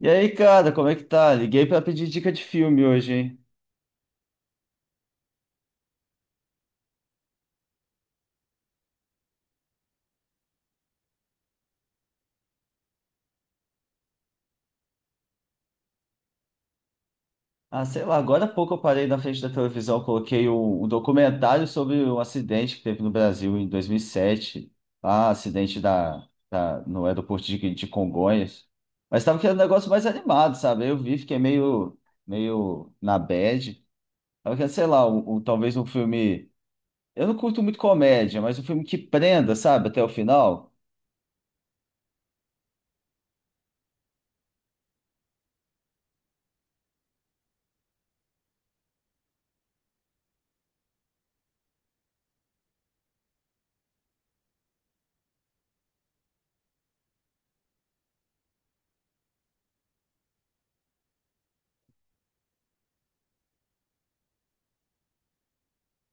E aí, cara, como é que tá? Liguei pra pedir dica de filme hoje, hein? Ah, sei lá, agora há pouco eu parei na frente da televisão, coloquei um documentário sobre um acidente que teve no Brasil em 2007. Ah, acidente no aeroporto de Congonhas. Mas tava querendo um negócio mais animado, sabe? Aí eu vi, fiquei meio na bad. Tava querendo, sei lá, talvez um filme. Eu não curto muito comédia, mas um filme que prenda, sabe, até o final.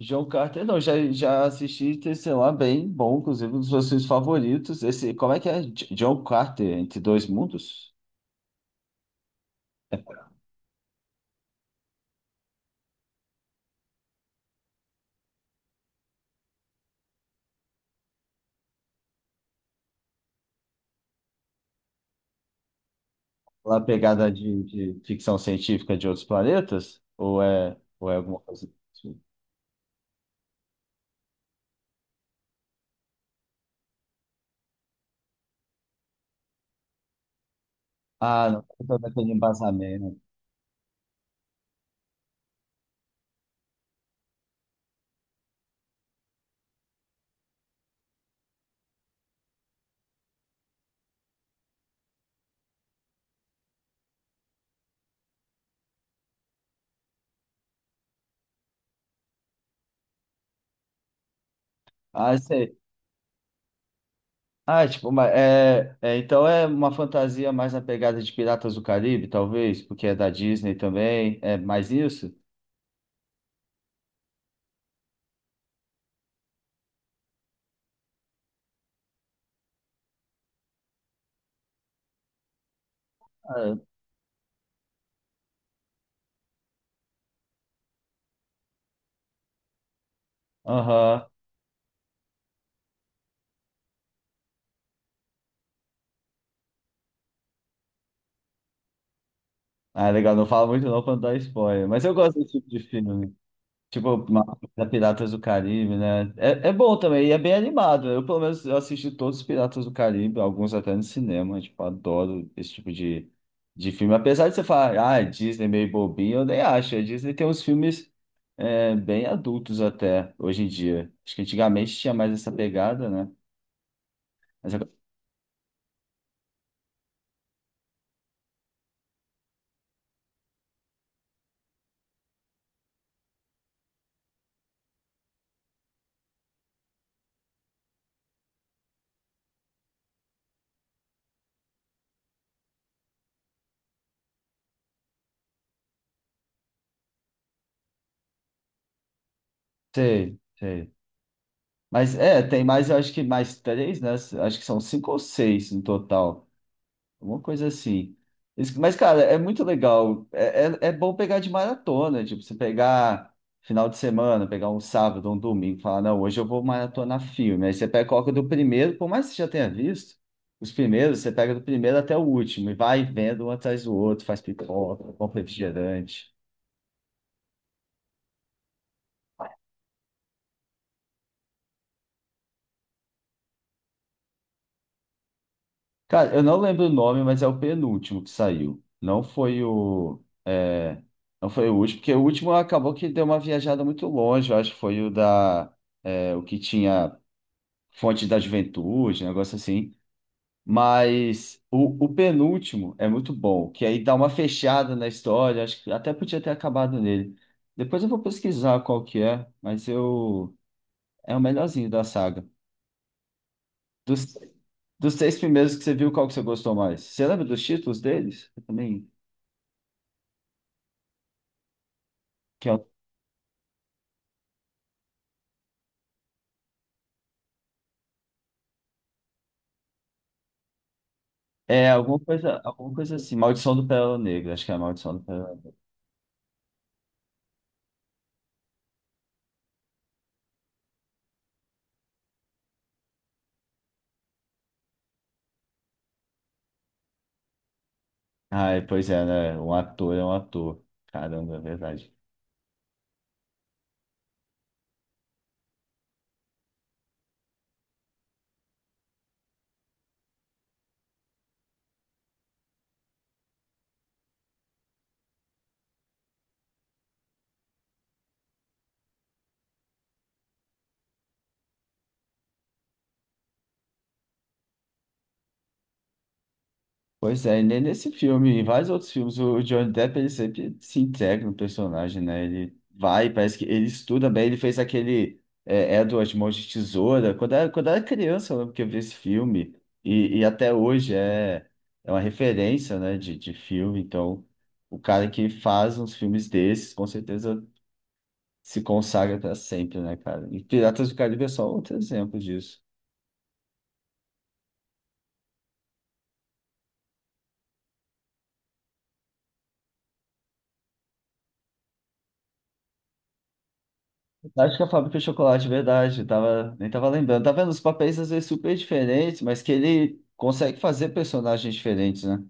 John Carter, não, já assisti, tem, sei lá, bem bom, inclusive um dos meus filmes favoritos. Esse, como é que é? John Carter, Entre Dois Mundos? Lá a pegada de ficção científica de outros planetas? Ou é alguma coisa assim? Ah, não, também tem embasamento. Ah, sei. Ah, é tipo, então é uma fantasia mais na pegada de Piratas do Caribe, talvez, porque é da Disney também. É mais isso? Ah, é. Aham. Ah, legal, não fala muito não pra não dar spoiler, mas eu gosto desse tipo de filme. Tipo, da Piratas do Caribe, né? É, é bom também, e é bem animado. Eu, pelo menos, eu assisti todos os Piratas do Caribe, alguns até no cinema. Tipo, adoro esse tipo de filme. Apesar de você falar, ah, Disney é meio bobinho, eu nem acho. A Disney tem uns filmes é, bem adultos até, hoje em dia. Acho que antigamente tinha mais essa pegada, né? Mas agora. Sei, sei. Mas é, tem mais, eu acho que mais três, né? Acho que são cinco ou seis no total. Uma coisa assim. Isso. Mas, cara, é muito legal. É bom pegar de maratona, tipo, você pegar final de semana, pegar um sábado, um domingo, falar, não, hoje eu vou maratonar filme. Aí você pega, coloca do primeiro, por mais que você já tenha visto, os primeiros, você pega do primeiro até o último e vai vendo um atrás do outro, faz pipoca, compra refrigerante. Cara, eu não lembro o nome, mas é o penúltimo que saiu. Não foi o. Não foi o último, porque o último acabou que deu uma viajada muito longe, eu acho que foi o da. É, o que tinha Fonte da Juventude, um negócio assim. Mas o penúltimo é muito bom, que aí dá uma fechada na história, acho que até podia ter acabado nele. Depois eu vou pesquisar qual que é, mas eu. É o melhorzinho da saga. Dos três primeiros que você viu, qual que você gostou mais? Você lembra dos títulos deles? Eu também. Que é, o- é, alguma coisa assim. Maldição do Pérola Negra, acho que é a Maldição do Pérola Negra. Ai, pois é, né? Um ator é um ator. Caramba, é verdade. Pois é, e nem nesse filme, em vários outros filmes, o Johnny Depp ele sempre se integra no personagem, né? Ele vai, parece que ele estuda bem, ele fez aquele é, Edward Mãos de Tesoura, quando era criança, eu lembro que eu vi esse filme, e até hoje é, é uma referência, né, de filme, então o cara que faz uns filmes desses, com certeza se consagra para sempre, né, cara? E Piratas do Caribe é só outro exemplo disso. Acho que a fábrica de chocolate, verdade, tava, nem tava lembrando. Tá vendo? Os papéis às vezes super diferentes, mas que ele consegue fazer personagens diferentes, né?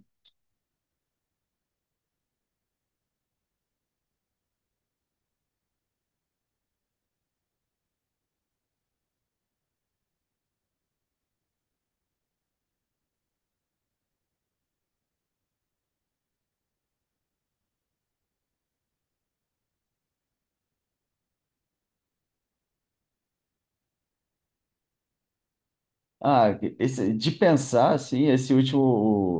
Ah, esse- de pensar, assim, esse último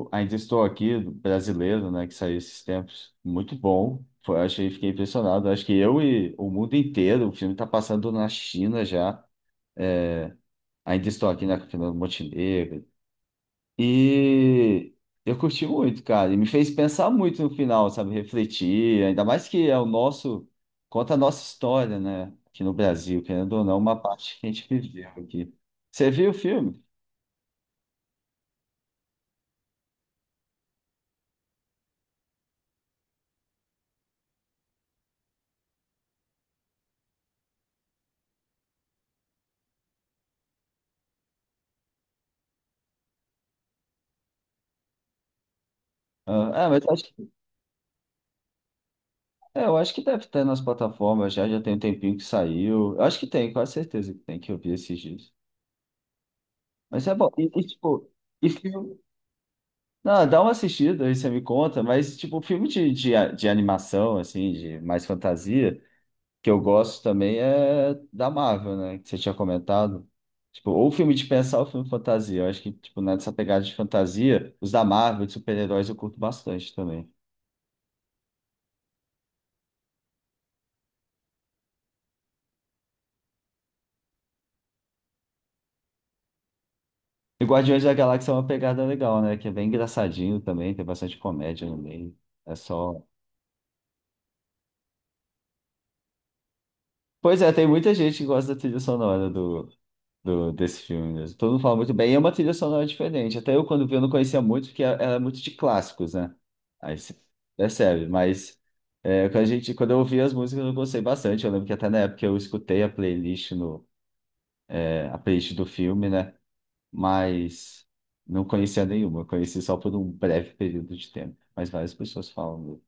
o Ainda Estou Aqui, do brasileiro, né, que saiu esses tempos, muito bom. Foi, achei, fiquei impressionado. Acho que eu e o mundo inteiro, o filme está passando na China já. É, Ainda Estou Aqui na Fernando Montenegro, e eu curti muito, cara. E me fez pensar muito no final, sabe? Refletir, ainda mais que é o nosso, conta a nossa história, né? Aqui no Brasil, querendo ou não, uma parte que a gente viveu aqui. Você viu o filme? Ah, ah, mas acho que, é, eu acho que deve ter nas plataformas já, já tem um tempinho que saiu. Eu acho que tem, quase certeza que tem, que eu vi esses dias. Mas é bom. Tipo, e filme. Não, dá uma assistida aí você me conta, mas tipo, filme de animação, assim, de mais fantasia que eu gosto também é da Marvel, né? Que você tinha comentado. Tipo, ou filme de pensar ou filme de fantasia. Eu acho que, tipo, né, nessa pegada de fantasia, os da Marvel, de super-heróis, eu curto bastante também. E Guardiões da Galáxia é uma pegada legal, né? Que é bem engraçadinho também, tem bastante comédia no meio. É só. Pois é, tem muita gente que gosta da trilha sonora do, do- desse filme mesmo. Todo mundo fala muito bem. E é uma trilha sonora diferente. Até eu, quando vi, eu não conhecia muito, porque ela é muito de clássicos, né? Aí você percebe. Mas é, quando a gente, quando eu ouvi as músicas, eu gostei bastante. Eu lembro que até na época eu escutei a playlist, no, é, a playlist do filme, né? Mas não conhecia nenhuma. Eu conheci só por um breve período de tempo. Mas várias pessoas falam.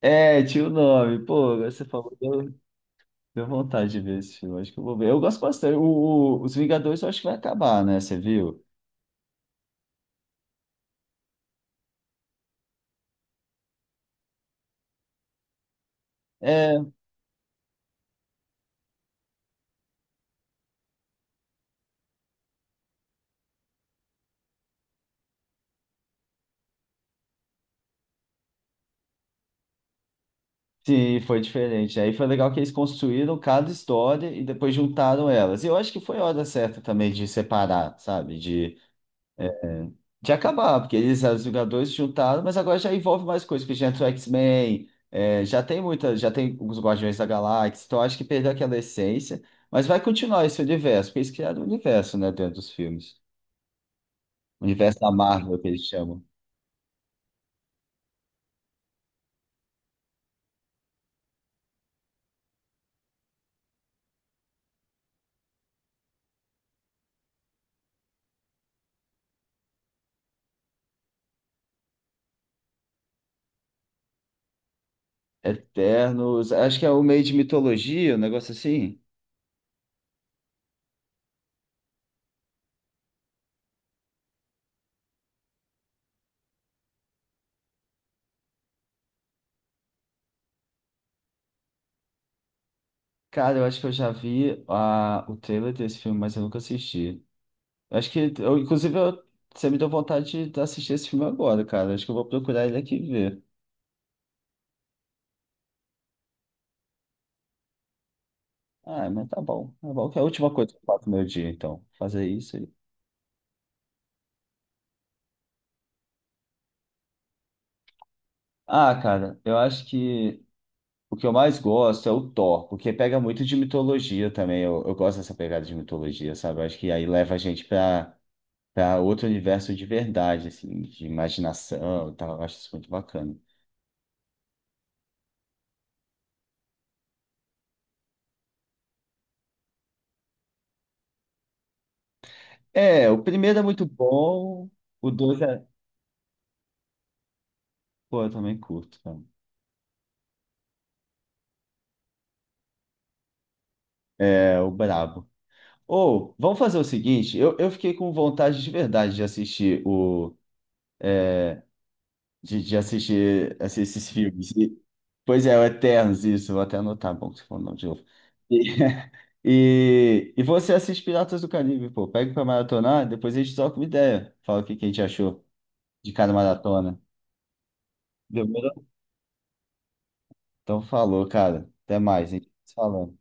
É, tinha o nome. Pô, agora você falou, deu vontade de ver esse filme. Acho que eu vou ver. Eu gosto bastante. Os Vingadores eu acho que vai acabar, né? Você viu? É, sim, foi diferente. Aí foi legal que eles construíram cada história e depois juntaram elas. E eu acho que foi a hora certa também de separar, sabe? De acabar, porque eles, os Vingadores, se juntaram, mas agora já envolve mais coisas, porque já entrou X-Men, é, já tem muita, já tem os Guardiões da Galáxia, então eu acho que perdeu aquela essência, mas vai continuar esse universo, porque eles criaram o universo, né, dentro dos filmes. O universo da Marvel, que eles chamam. Eternos, acho que é o meio de mitologia, um negócio assim. Cara, eu acho que eu já vi a, o trailer desse filme, mas eu nunca assisti. Eu acho que, eu, inclusive, eu- você me deu vontade de assistir esse filme agora, cara. Acho que eu vou procurar ele aqui e ver. Ah, mas tá bom. Tá bom, que é a última coisa que eu faço no meu dia, então. Fazer isso aí. Ah, cara, eu acho que o que eu mais gosto é o Thor, porque pega muito de mitologia também. Eu gosto dessa pegada de mitologia, sabe? Eu acho que aí leva a gente pra outro universo de verdade, assim, de imaginação e tal. Eu acho isso muito bacana. É, o primeiro é muito bom, o dois é. Pô, eu também curto, cara. É o brabo. Ou, vamos fazer o seguinte, eu fiquei com vontade de verdade de assistir o. Esses filmes. E- pois é, o Eternos, isso, vou até anotar, bom, que você falou o nome de novo. E, e você assiste Piratas do Caribe, pô, pega pra maratonar, depois a gente troca uma ideia. Fala o que a gente achou de cada maratona. Demorou? Então falou, cara. Até mais, a gente se falando.